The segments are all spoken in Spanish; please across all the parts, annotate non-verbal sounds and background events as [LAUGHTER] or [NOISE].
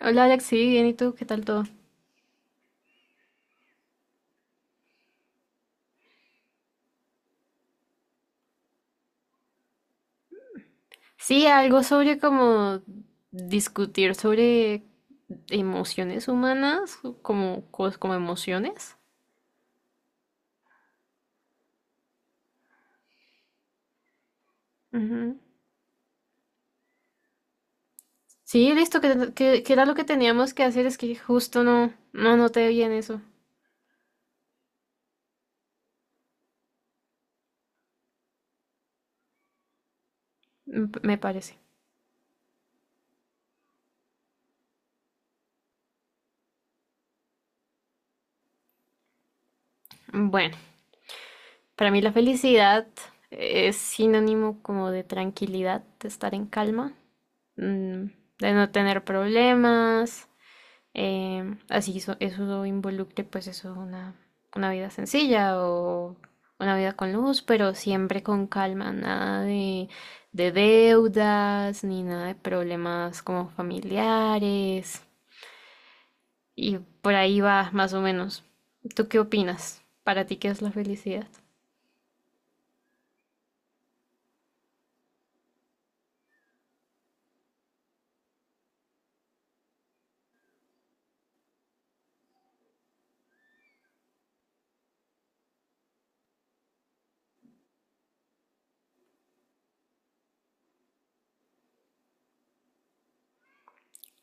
Hola Alex, sí, bien, ¿y tú? ¿Qué tal todo? Sí, algo sobre como discutir sobre emociones humanas, como, como emociones. Ujú. Sí, listo, que era lo que teníamos que hacer, es que justo no noté bien eso. Me parece. Bueno, para mí la felicidad es sinónimo como de tranquilidad, de estar en calma, mm, de no tener problemas. Así eso, eso involucre pues eso, una vida sencilla o una vida con luz, pero siempre con calma, nada de, de deudas ni nada de problemas como familiares. Y por ahí va más o menos. ¿Tú qué opinas? ¿Para ti qué es la felicidad?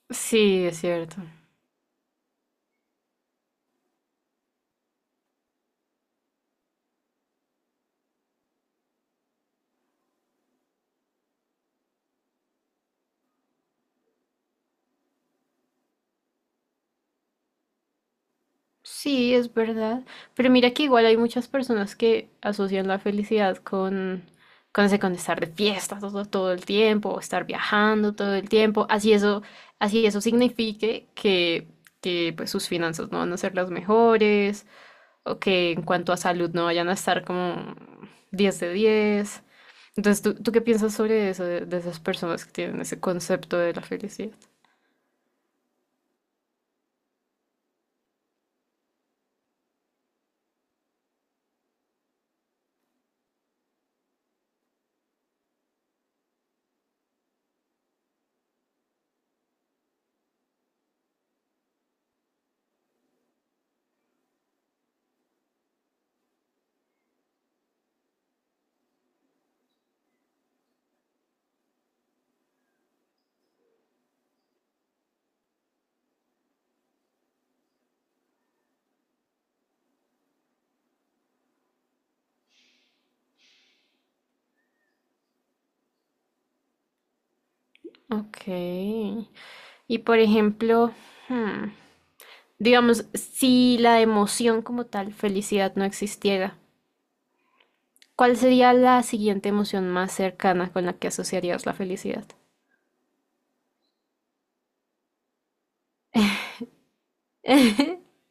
Sí, es cierto. Sí, es verdad. Pero mira que igual hay muchas personas que asocian la felicidad con, con estar de fiesta todo el tiempo, o estar viajando todo el tiempo. Así eso signifique que pues, sus finanzas no van a ser las mejores, o que en cuanto a salud no vayan a estar como 10 de 10. Entonces, ¿tú qué piensas sobre eso, de esas personas que tienen ese concepto de la felicidad? Ok. Y por ejemplo, hmm, digamos, si la emoción como tal, felicidad, no existiera, ¿cuál sería la siguiente emoción más cercana con la que asociarías la felicidad? [LAUGHS]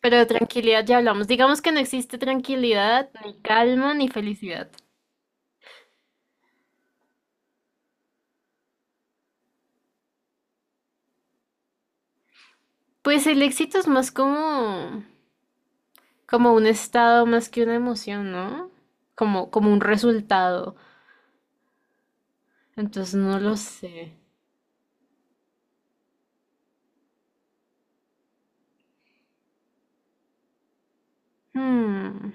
Pero de tranquilidad ya hablamos. Digamos que no existe tranquilidad, ni calma, ni felicidad. Pues el éxito es más como, como un estado más que una emoción, ¿no? Como, como un resultado. Entonces no lo sé. Hmm,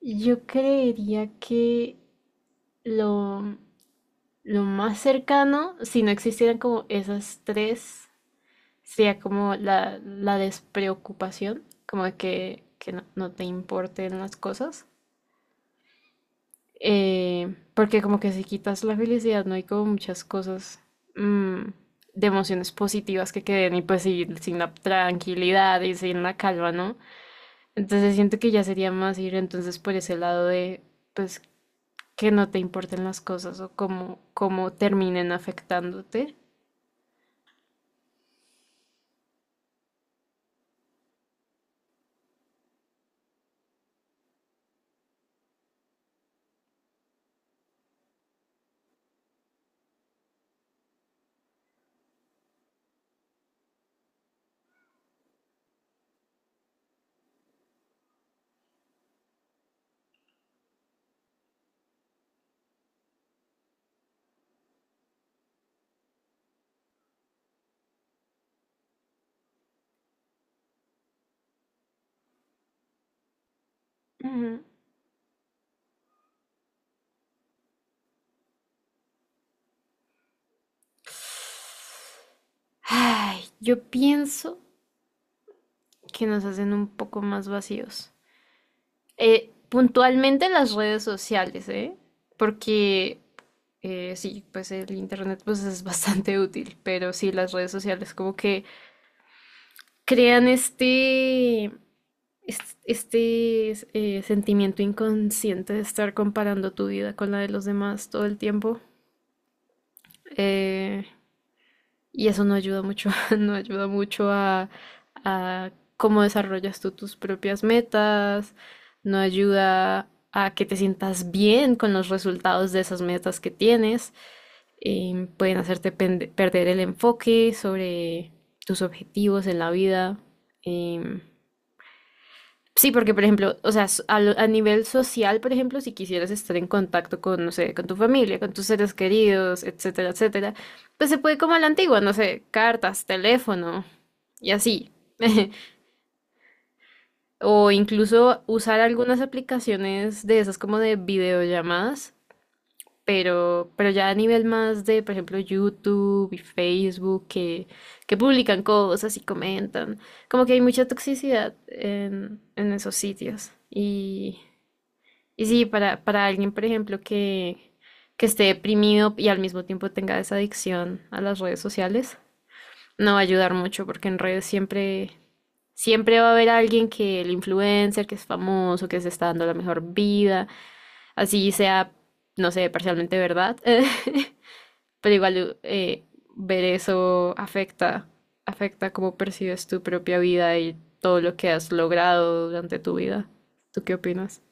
Yo creería que lo, lo más cercano, si no existieran como esas tres, sería como la despreocupación, como de que no, no te importen las cosas. Porque como que si quitas la felicidad, no hay como muchas cosas, mm, de emociones positivas que queden y pues sin, sin la tranquilidad y sin la calma, ¿no? Entonces siento que ya sería más ir entonces por ese lado de pues que no te importen las cosas o cómo, cómo terminen afectándote. Ujú. Ay, yo pienso que nos hacen un poco más vacíos. Puntualmente las redes sociales, ¿eh? Porque sí, pues el internet pues es [LAUGHS] bastante útil, pero sí, las redes sociales como que crean este, sentimiento inconsciente de estar comparando tu vida con la de los demás todo el tiempo. Eh, Y eso no ayuda mucho, [LAUGHS] no ayuda mucho a cómo desarrollas tú tus propias metas, no ayuda a que te sientas bien con los resultados de esas metas que tienes. Pueden hacerte perder el enfoque sobre tus objetivos en la vida. em, Sí, porque por ejemplo, o sea, nivel social, por ejemplo, si quisieras estar en contacto con, no sé, con tu familia, con tus seres queridos, etcétera, etcétera, pues se puede como a la antigua, no sé, cartas, teléfono y así. [LAUGHS] O incluso usar algunas aplicaciones de esas como de videollamadas, pero ya a nivel más de, por ejemplo, YouTube y Facebook que publican cosas y comentan. Como que hay mucha toxicidad en esos sitios. Y sí, para alguien, por ejemplo, que esté deprimido y al mismo tiempo tenga esa adicción a las redes sociales, no va a ayudar mucho porque en redes siempre, siempre va a haber alguien que el influencer, que es famoso, que se está dando la mejor vida, así sea, no sé, parcialmente verdad, [LAUGHS] pero igual ver eso afecta, afecta cómo percibes tu propia vida y todo lo que has logrado durante tu vida. ¿Tú qué opinas?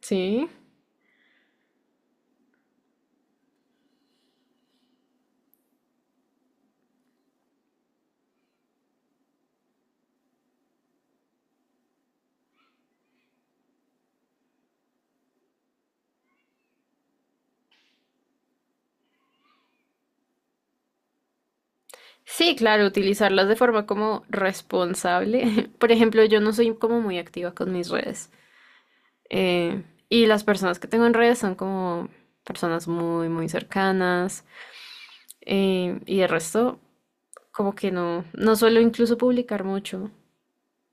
Sí. Sí, claro, utilizarlas de forma como responsable. [LAUGHS] Por ejemplo, yo no soy como muy activa con mis redes. eh, y las personas que tengo en redes son como personas muy, muy cercanas. Y el resto, como que no, no suelo incluso publicar mucho.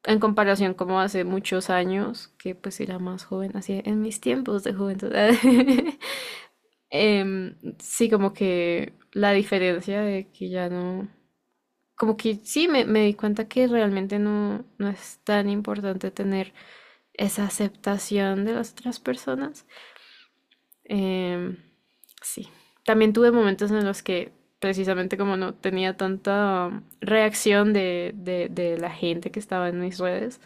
En comparación como hace muchos años, que pues era más joven, así en mis tiempos de juventud. [LAUGHS] Sí, como que la diferencia de que ya no, como que sí, me di cuenta que realmente no, no es tan importante tener esa aceptación de las otras personas. Em, sí. También tuve momentos en los que precisamente como no tenía tanta reacción de, de la gente que estaba en mis redes.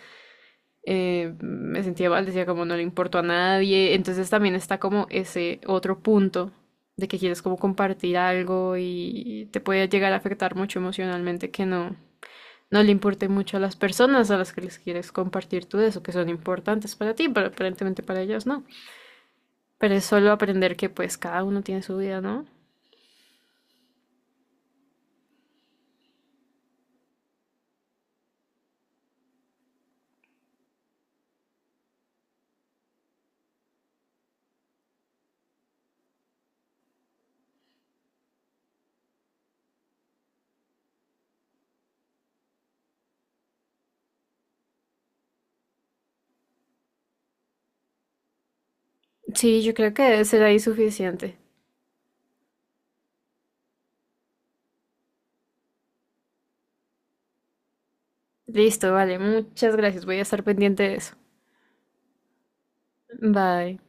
Me sentía mal, decía como no le importo a nadie. Entonces también está como ese otro punto de que quieres como compartir algo y te puede llegar a afectar mucho emocionalmente que no, no le importe mucho a las personas a las que les quieres compartir tú eso, que son importantes para ti, pero aparentemente para ellos no. Pero es solo aprender que pues cada uno tiene su vida, ¿no? Sí, yo creo que debe ser ahí suficiente. Listo, vale, muchas gracias, voy a estar pendiente de eso. Bye.